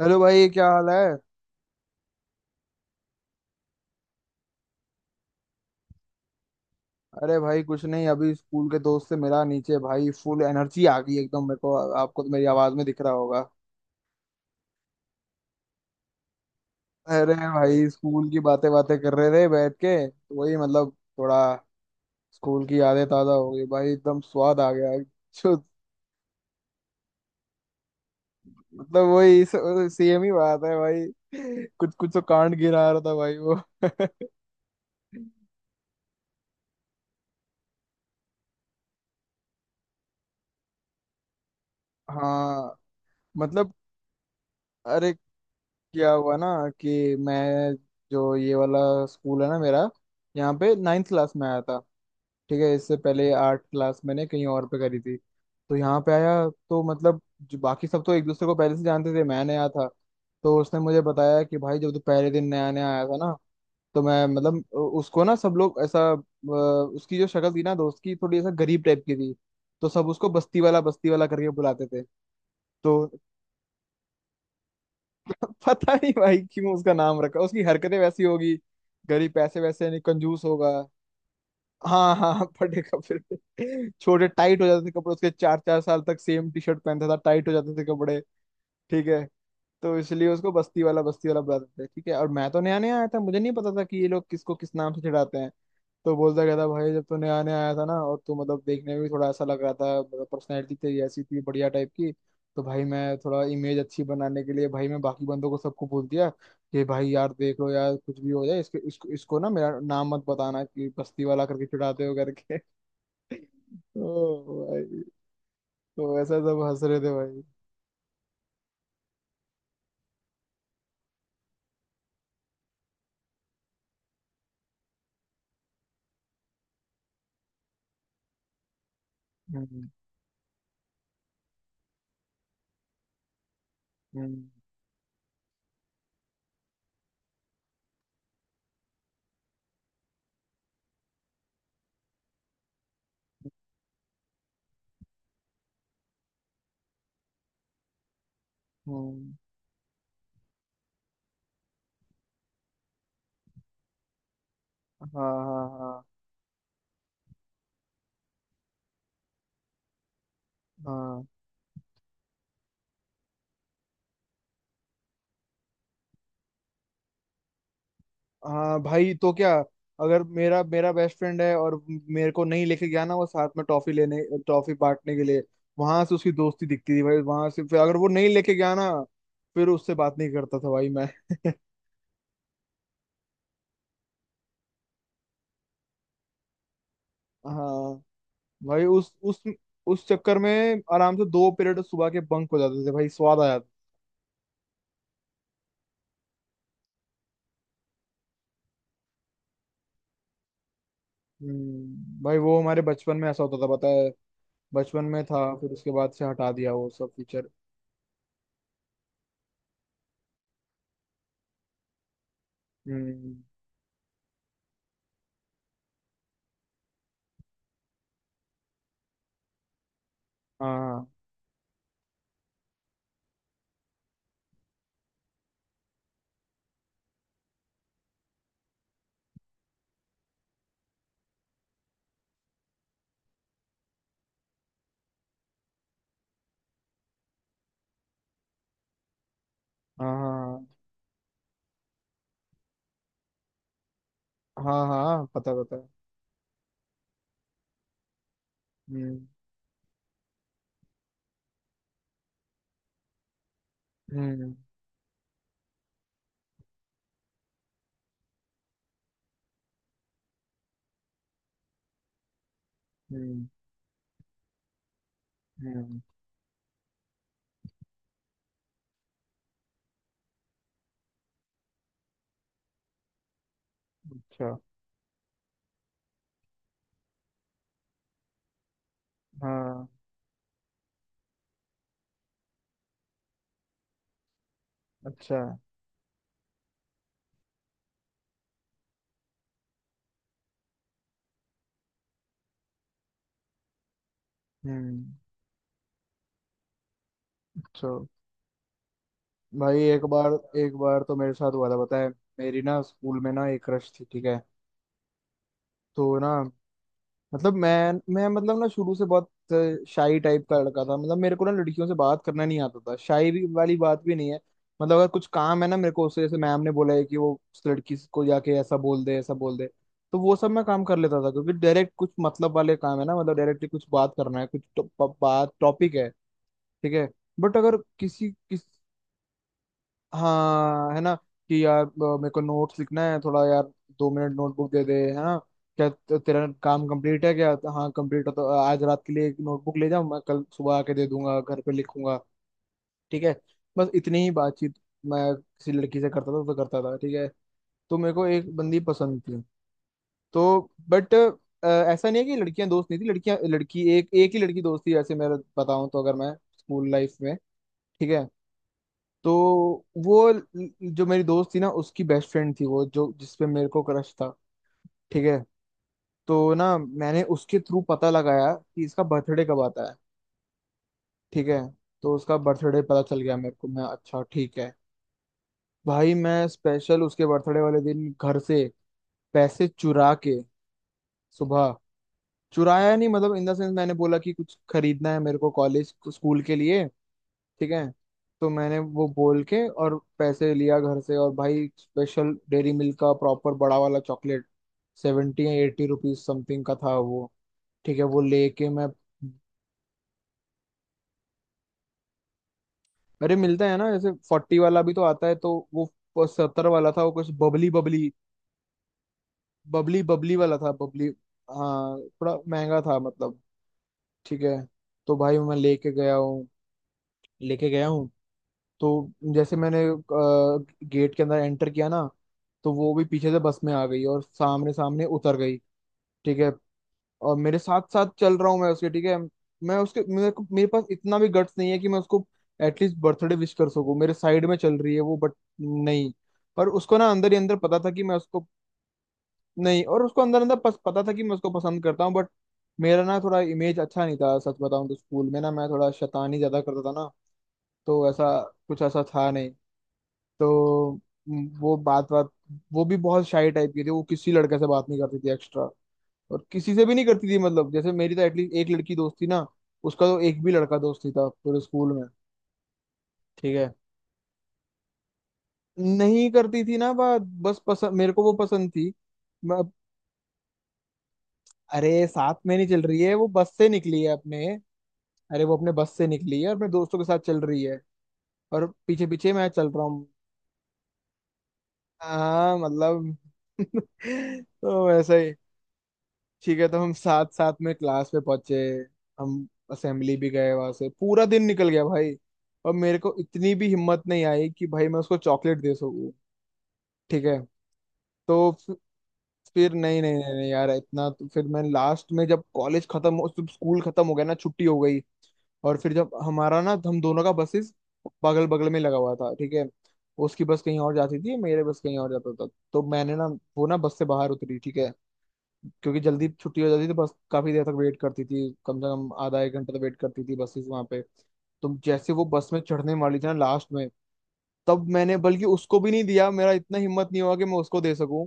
Hello भाई, क्या हाल है। अरे भाई, कुछ नहीं, अभी स्कूल के दोस्त से मिला नीचे, भाई फुल एनर्जी आ गई एकदम मेरे को। आपको तो मेरी आवाज में दिख रहा होगा। अरे भाई, स्कूल की बातें बातें कर रहे थे बैठ के, तो वही मतलब, थोड़ा। स्कूल की यादें ताजा हो गई भाई, एकदम स्वाद आ गया। जो मतलब वही, सेम ही बात है भाई, कुछ कुछ तो कांड गिरा रहा था भाई वो। हाँ। मतलब, अरे क्या हुआ ना, कि मैं, जो ये वाला स्कूल है ना मेरा, यहाँ पे नाइन्थ क्लास में आया था। ठीक है, इससे पहले आठ क्लास मैंने कहीं और पे करी थी। तो यहाँ पे आया, तो मतलब जो बाकी सब तो एक दूसरे को पहले से जानते थे, मैं नया था। तो उसने मुझे बताया कि भाई, जब तू पहले दिन नया नया आया था ना, तो मैं मतलब उसको ना सब लोग ऐसा उसकी जो शक्ल थी ना दोस्त की, थोड़ी ऐसा गरीब टाइप की थी, तो सब उसको बस्ती वाला करके बुलाते थे। तो पता नहीं भाई क्यों उसका नाम रखा, उसकी हरकतें वैसी होगी, गरीब पैसे वैसे नहीं, कंजूस होगा। हाँ हाँ, फटे कपड़े, छोटे टाइट हो जाते थे कपड़े उसके, 4 4 साल तक सेम टी शर्ट पहनता था, टाइट हो जाते थे कपड़े। ठीक है। तो इसलिए उसको बस्ती वाला बुलाते थे। ठीक है, और मैं तो नया नया आया था, मुझे नहीं पता था कि ये लोग किसको किस नाम से चिढ़ाते हैं। तो बोलता कहता भाई, जब तू नया नया आया था ना, और तू मतलब देखने में भी थोड़ा ऐसा लग रहा था, मतलब पर्सनैलिटी तेरी ऐसी थी बढ़िया टाइप की। तो भाई मैं थोड़ा इमेज अच्छी बनाने के लिए, भाई मैं बाकी बंदों को सबको बोल दिया कि भाई यार देख लो यार, कुछ भी हो जाए इसके, इसको इसको ना मेरा नाम मत बताना कि बस्ती वाला करके चिढ़ाते हो करके। ओ भाई। तो ऐसा सब हंस रहे थे भाई। हम्म। हम्म। हम्म। हाँ हाँ हाँ। हाँ हाँ भाई तो क्या, अगर मेरा मेरा बेस्ट फ्रेंड है और मेरे को नहीं लेके गया ना वो साथ में टॉफी लेने, टॉफी बांटने के लिए, वहां से उसकी दोस्ती दिखती थी भाई। वहां से फिर अगर वो नहीं लेके गया ना, फिर उससे बात नहीं करता था भाई मैं। हाँ भाई, उस चक्कर में आराम से 2 पीरियड सुबह के बंक हो जाते थे भाई, स्वाद आ जाता। भाई वो हमारे बचपन में ऐसा होता था पता है, बचपन में था, फिर उसके बाद से हटा दिया वो सब फीचर। हम्म। हाँ हाँ हाँ। हाँ हाँ, पता पता। हम्म। हम्म। हम्म। हम्म, अच्छा। हाँ। अच्छा। हम्म। अच्छा भाई, एक बार, एक बार तो मेरे साथ हुआ था पता है। मेरी ना स्कूल में ना एक क्रश थी। ठीक है, तो ना, मतलब मैं मतलब ना, शुरू से बहुत शाई टाइप का लड़का था। मतलब मेरे को ना लड़कियों से बात करना नहीं आता था, शाई भी वाली बात भी नहीं है। मतलब अगर कुछ काम है ना मेरे को उससे, जैसे मैम ने बोला है कि वो उस लड़की को जाके ऐसा बोल दे, ऐसा बोल दे, तो वो सब मैं काम कर लेता था, क्योंकि डायरेक्ट कुछ मतलब वाले काम है ना, मतलब डायरेक्टली कुछ बात करना है, कुछ बात, टॉपिक है, ठीक है। बट अगर किसी किस हाँ है ना, कि यार, मेरे को नोट्स लिखना है थोड़ा यार, 2 मिनट नोटबुक दे दे, है ना। क्या तेरा काम कंप्लीट है क्या, तो हाँ कंप्लीट है, तो आज रात के लिए एक नोटबुक ले जाऊँ मैं, कल सुबह आके दे दूंगा, घर पे लिखूंगा। ठीक है, बस इतनी ही बातचीत मैं किसी लड़की से करता था, तो करता था। ठीक है, तो मेरे को एक बंदी पसंद थी, तो बट ऐसा नहीं है कि लड़कियां दोस्त नहीं थी, लड़कियां लड़की एक एक ही लड़की दोस्त थी ऐसे, मैं बताऊं तो, अगर मैं स्कूल लाइफ में। ठीक है। तो वो ल- जो मेरी दोस्त थी ना उसकी बेस्ट फ्रेंड थी वो, जो जिसपे मेरे को क्रश था। ठीक है, तो ना मैंने उसके थ्रू पता लगाया कि इसका बर्थडे कब आता है। ठीक है, तो उसका बर्थडे पता चल गया मेरे को, मैं अच्छा ठीक है। भाई मैं स्पेशल उसके बर्थडे वाले दिन घर से पैसे चुरा के, सुबह, चुराया नहीं मतलब इन द सेंस, मैंने बोला कि कुछ खरीदना है मेरे को कॉलेज स्कूल के लिए। ठीक है, तो मैंने वो बोल के और पैसे लिया घर से, और भाई स्पेशल डेयरी मिल्क का प्रॉपर बड़ा वाला चॉकलेट, 70 या 80 रुपीज समथिंग का था वो। ठीक है, वो लेके मैं अरे मिलता है ना, जैसे 40 वाला भी तो आता है, तो वो 70 वाला था, वो कुछ बबली बबली वाला था, बबली। हाँ, थोड़ा महंगा था मतलब। ठीक है, तो भाई मैं लेके गया हूँ। तो जैसे मैंने गेट के अंदर एंटर किया ना, तो वो भी पीछे से बस में आ गई, और सामने सामने उतर गई। ठीक है, और मेरे साथ साथ चल रहा हूँ मैं उसके। ठीक है, मैं उसके मेरे को, मेरे पास इतना भी गट्स नहीं है कि मैं उसको एटलीस्ट बर्थडे विश कर सकूं, मेरे साइड में चल रही है वो बट नहीं। पर उसको ना अंदर ही अंदर पता था कि मैं उसको, नहीं, और उसको अंदर अंदर पता था कि मैं उसको पसंद करता हूँ, बट मेरा ना थोड़ा इमेज अच्छा नहीं था, सच बताऊं तो स्कूल में ना मैं थोड़ा शैतानी ज्यादा करता था ना। तो ऐसा कुछ ऐसा था नहीं। तो वो बात बात वो भी बहुत शाई टाइप की थी, वो किसी लड़के से बात नहीं करती थी एक्स्ट्रा और किसी से भी नहीं करती थी, मतलब जैसे मेरी तो एटलीस्ट एक लड़की दोस्त थी ना, उसका तो एक भी लड़का दोस्त ही था पूरे स्कूल में। ठीक है, नहीं करती थी ना बात, बस पसंद, मेरे को वो पसंद थी। मैं, अरे साथ में नहीं चल रही है वो, बस से निकली है अपने। अरे वो अपने बस से निकली है और अपने दोस्तों के साथ चल रही है, और पीछे पीछे मैं चल रहा हूँ। हाँ मतलब। तो वैसा ही। ठीक है, तो हम साथ साथ में क्लास पे पहुंचे, हम असेंबली भी गए, वहां से पूरा दिन निकल गया भाई, और मेरे को इतनी भी हिम्मत नहीं आई कि भाई मैं उसको चॉकलेट दे सकूं। ठीक है, तो फिर नहीं नहीं नहीं, नहीं यार, इतना तो, फिर मैं लास्ट में जब कॉलेज खत्म हो, जब स्कूल खत्म हो गया ना, छुट्टी हो गई, और फिर जब हमारा ना हम दोनों का बसेस बगल बगल में लगा हुआ था। ठीक है, उसकी बस कहीं और जाती थी, मेरे बस कहीं और जाता था। तो मैंने ना, वो ना बस से बाहर उतरी। ठीक है, क्योंकि जल्दी छुट्टी हो जाती थी, बस काफी देर तक वेट करती थी, कम से कम आधा एक घंटा तो वेट करती थी बसेस वहां पे। तो जैसे वो बस में चढ़ने वाली थी ना लास्ट में, तब मैंने, बल्कि उसको भी नहीं दिया, मेरा इतना हिम्मत नहीं हुआ कि मैं उसको दे सकूं,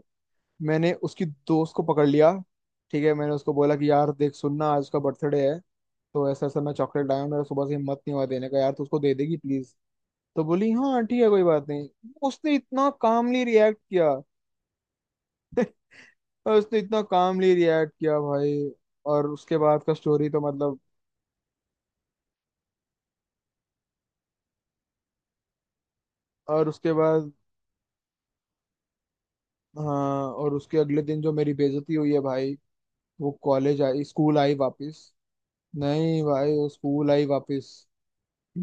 मैंने उसकी दोस्त को पकड़ लिया। ठीक है, मैंने उसको बोला कि यार देख सुनना, आज उसका बर्थडे है, तो ऐसा ऐसा मैं चॉकलेट लाया हूं, मेरा सुबह से हिम्मत नहीं हुआ देने का यार, तो उसको दे देगी प्लीज। तो बोली हाँ ठीक है, कोई बात नहीं, उसने इतना कामली रिएक्ट किया। और उसने इतना कामली रिएक्ट किया भाई। और उसके बाद का स्टोरी तो मतलब, और उसके बाद, हाँ, और उसके अगले दिन जो मेरी बेइज्जती हुई है भाई, वो कॉलेज आई स्कूल आई वापस, नहीं भाई वो स्कूल आई वापस।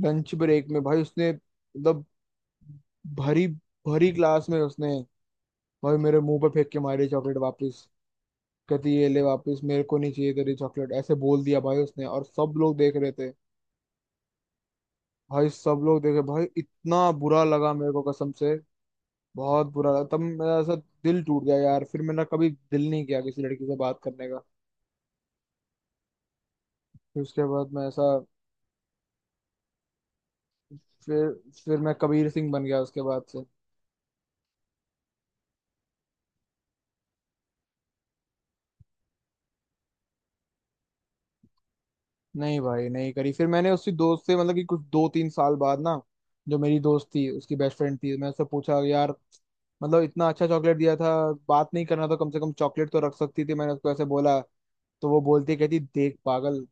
लंच ब्रेक में भाई उसने मतलब भरी, भरी क्लास में उसने भाई मेरे मुंह पर फेंक के मारी चॉकलेट वापस, कहती ये ले वापस, मेरे को नहीं चाहिए तेरी चॉकलेट, ऐसे बोल दिया भाई उसने, और सब लोग देख रहे थे। भाई सब लोग देखे भाई, इतना बुरा लगा मेरे को कसम से, बहुत बुरा लगा, तब मेरा ऐसा दिल टूट गया यार, फिर मैंने कभी दिल नहीं किया किसी लड़की से बात करने का। फिर उसके बाद मैं ऐसा, फिर फिर मैं कबीर सिंह बन गया उसके बाद से। नहीं भाई, नहीं करी, फिर मैंने उसकी दोस्त से मतलब, कि कुछ 2 3 साल बाद ना जो मेरी दोस्त थी उसकी बेस्ट फ्रेंड थी, मैं उससे पूछा यार, मतलब इतना अच्छा चॉकलेट दिया था, बात नहीं करना तो कम से कम चॉकलेट तो रख सकती थी, मैंने उसको ऐसे बोला। तो वो बोलती कहती देख पागल,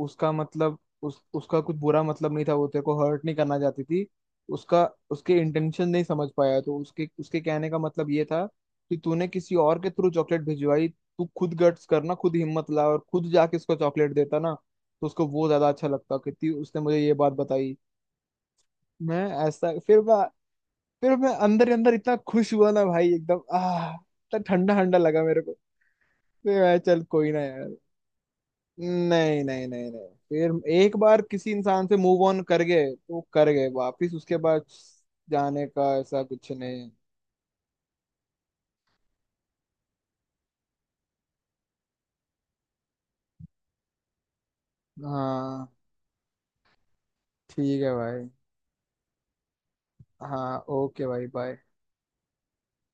उसका मतलब उस उसका कुछ बुरा मतलब नहीं था, वो तेरे को हर्ट नहीं करना चाहती थी, उसका उसके इंटेंशन नहीं समझ पाया, तो उसके उसके कहने का मतलब ये था कि तूने किसी और के थ्रू चॉकलेट भिजवाई, तू खुद गट्स करना, खुद हिम्मत ला और खुद जाके उसको चॉकलेट देता ना, तो उसको वो ज्यादा अच्छा लगता, कितनी उसने मुझे ये बात बताई। मैं ऐसा फिर मैं अंदर ही अंदर इतना खुश हुआ ना भाई, एकदम आह इतना ठंडा ठंडा लगा मेरे को। फिर मैं, चल कोई ना यार, नहीं नहीं नहीं नहीं, फिर एक बार किसी इंसान से मूव ऑन कर गए तो कर गए, वापिस उसके बाद जाने का ऐसा कुछ नहीं है। हाँ ठीक है भाई। हाँ, ओके भाई, बाय।